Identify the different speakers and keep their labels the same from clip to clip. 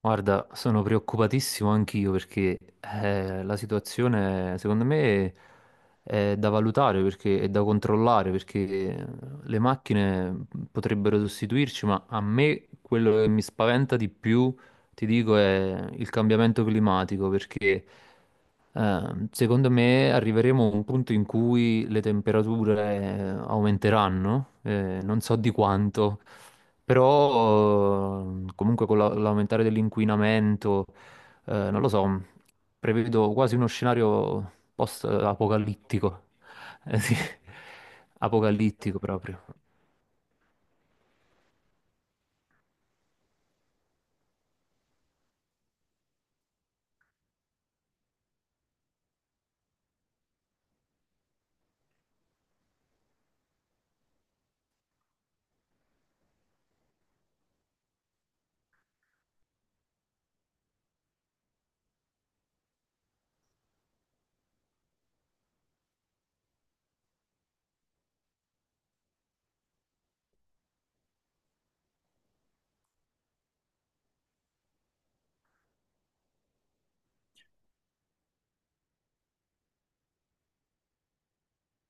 Speaker 1: Guarda, sono preoccupatissimo anch'io perché la situazione secondo me è da valutare perché è da controllare perché eh, le macchine potrebbero sostituirci, ma a me quello che mi spaventa di più, ti dico, è il cambiamento climatico perché secondo me arriveremo a un punto in cui le temperature aumenteranno, non so di quanto. Però comunque con l'aumentare dell'inquinamento, non lo so, prevedo quasi uno scenario post-apocalittico. Sì, apocalittico proprio.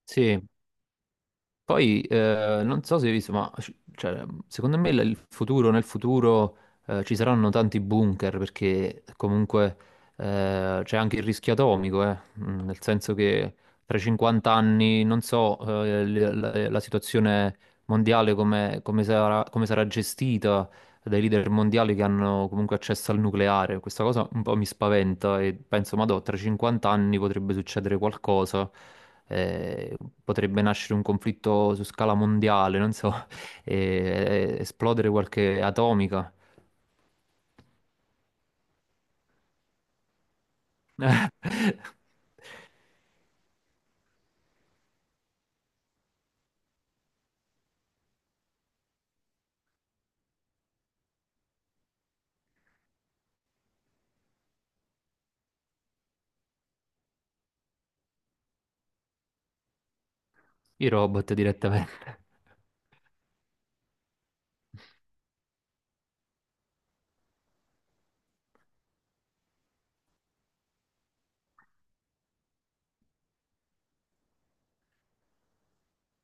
Speaker 1: Sì. Poi non so se hai visto, ma cioè, secondo me il futuro, nel futuro ci saranno tanti bunker perché comunque c'è anche il rischio atomico, nel senso che tra 50 anni non so la situazione mondiale come, come sarà gestita dai leader mondiali che hanno comunque accesso al nucleare. Questa cosa un po' mi spaventa e penso, ma tra 50 anni potrebbe succedere qualcosa, eh, potrebbe nascere un conflitto su scala mondiale, non so, esplodere qualche atomica. I robot direttamente.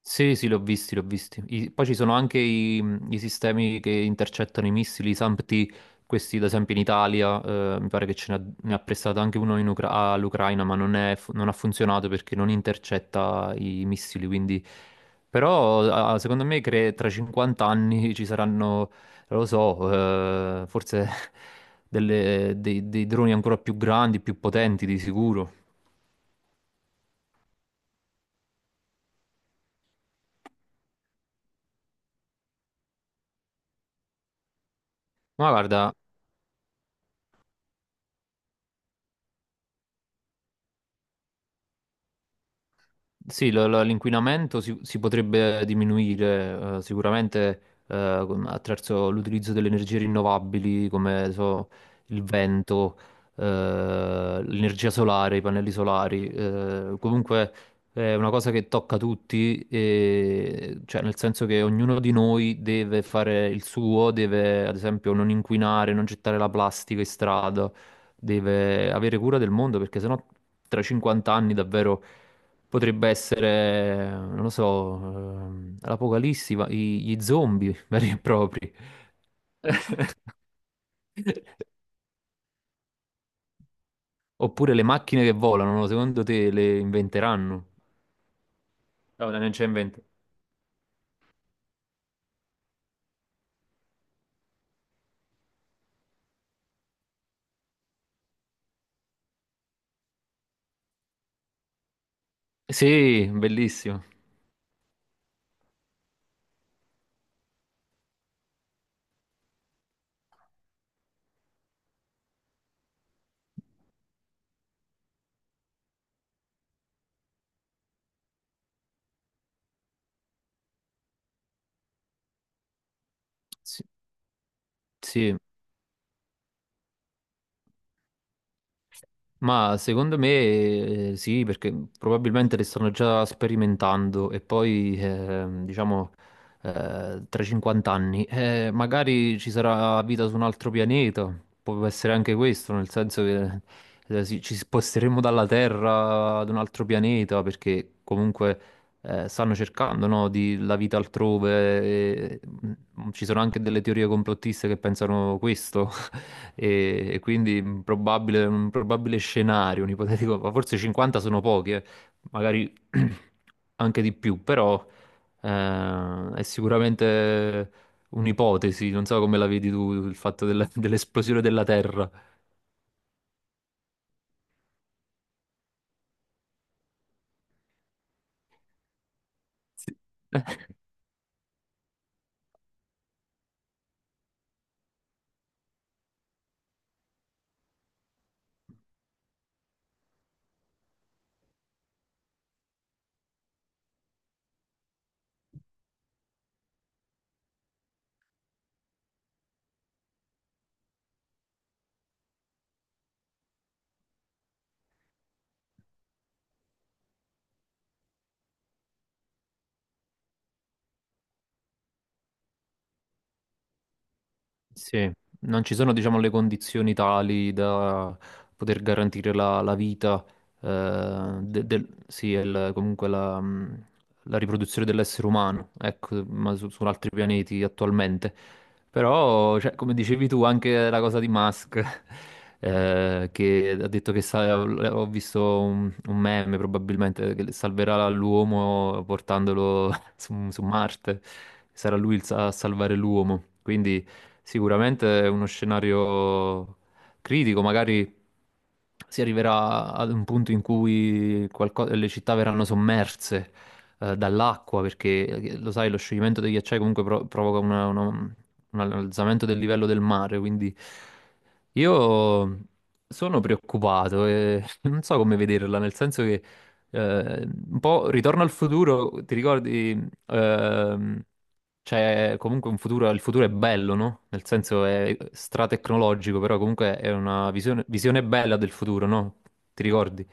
Speaker 1: Sì, sì, li ho visti, li ho visti. Poi ci sono anche i sistemi che intercettano i missili, i SAMPTI, questi ad esempio in Italia, mi pare che ne ha, prestato anche uno in all'Ucraina, ma non, è non ha funzionato perché non intercetta i missili, quindi... Però ah, secondo me tra 50 anni ci saranno, non lo so, forse dei droni ancora più grandi, più potenti di sicuro. Ma guarda. Sì, l'inquinamento si potrebbe diminuire sicuramente attraverso l'utilizzo delle energie rinnovabili come so, il vento, l'energia solare, i pannelli solari. Comunque è una cosa che tocca tutti, cioè nel senso che ognuno di noi deve fare il suo, deve ad esempio non inquinare, non gettare la plastica in strada, deve avere cura del mondo perché sennò tra 50 anni davvero potrebbe essere, non lo so, l'Apocalissi, gli zombie veri e propri. Oppure le macchine che volano, no, secondo te le inventeranno? No, non c'è invento. Sì, bellissimo. Sì, sì. Ma secondo me sì, perché probabilmente le stanno già sperimentando e poi, diciamo, tra 50 anni, magari ci sarà vita su un altro pianeta, può essere anche questo, nel senso che sì, ci sposteremo dalla Terra ad un altro pianeta, perché comunque stanno cercando, no, di la vita altrove, e, ci sono anche delle teorie complottiste che pensano questo. E quindi un probabile scenario, un ipotetico, ma forse 50 sono pochi, magari anche di più, però è sicuramente un'ipotesi, non so come la vedi tu, il fatto dell'esplosione della Terra. Sì. Sì, non ci sono, diciamo, le condizioni tali da poter garantire la, la vita, sì, e comunque la riproduzione dell'essere umano, ecco, ma su, su altri pianeti attualmente. Però, cioè, come dicevi tu, anche la cosa di Musk, che ha detto che ho visto un meme probabilmente che salverà l'uomo portandolo su, su Marte, sarà lui il a salvare l'uomo. Quindi sicuramente è uno scenario critico, magari si arriverà ad un punto in cui le città verranno sommerse dall'acqua, perché lo sai, lo scioglimento dei ghiacciai comunque provoca un alzamento del livello del mare, quindi io sono preoccupato e non so come vederla, nel senso che un po' Ritorno al futuro, ti ricordi. Ehm, cioè, comunque un futuro, il futuro è bello, no? Nel senso è stratecnologico, però comunque è una visione, visione bella del futuro, no? Ti ricordi?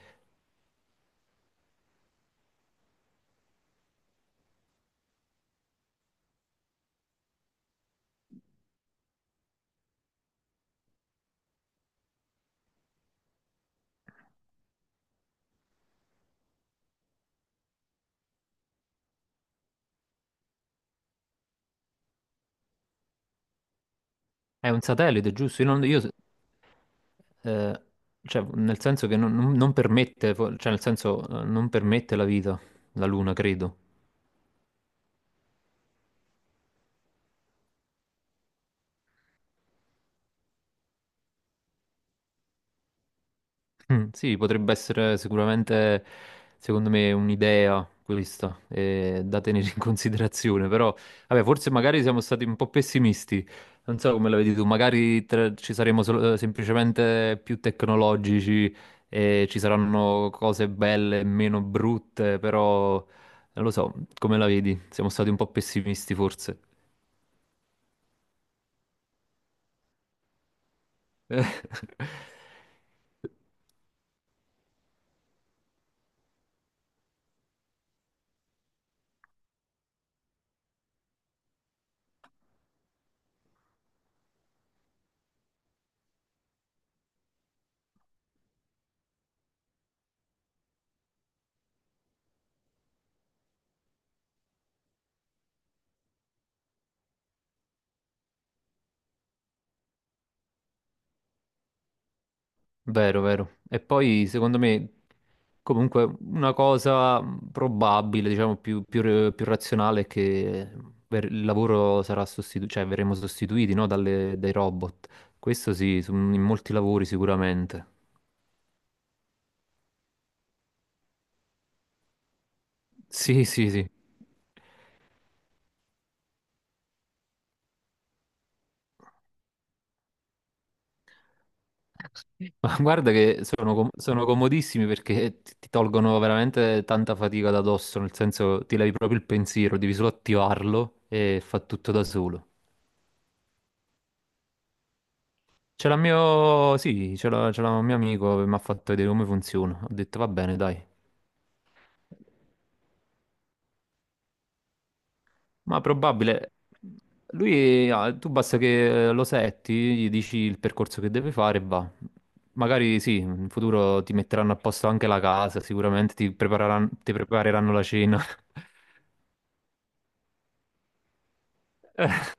Speaker 1: È un satellite, giusto? Io, non- io, eh, cioè, nel senso che non permette, cioè, nel senso, non permette la vita, la Luna, credo. Mm. Sì, potrebbe essere sicuramente, secondo me, un'idea questa, da tenere in considerazione, però, vabbè, forse magari siamo stati un po' pessimisti, non so come la vedi tu, magari ci saremo semplicemente più tecnologici e ci saranno cose belle e meno brutte, però, non lo so, come la vedi? Siamo stati un po' pessimisti forse. Vero, vero. E poi, secondo me, comunque una cosa probabile, diciamo, più razionale è che il lavoro sarà sostituito, cioè verremo sostituiti, no, dai robot. Questo sì, in molti lavori sicuramente. Sì, sì, sì. Ma guarda che sono, sono comodissimi perché ti tolgono veramente tanta fatica da dosso, nel senso ti levi proprio il pensiero, devi solo attivarlo e fa tutto da solo. Ce l'ha mio... Sì, ce l'ha un mio amico che mi ha fatto vedere come funziona. Ho detto, va bene, dai. Ma probabile... Lui, ah, tu basta che lo setti, gli dici il percorso che deve fare e va. Magari sì, in futuro ti metteranno a posto anche la casa, sicuramente ti prepareranno la cena.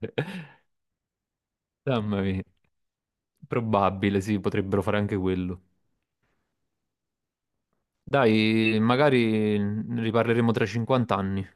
Speaker 1: Eh. Mamma mia. Probabile, sì, potrebbero fare anche quello. Dai, magari ne riparleremo tra 50 anni.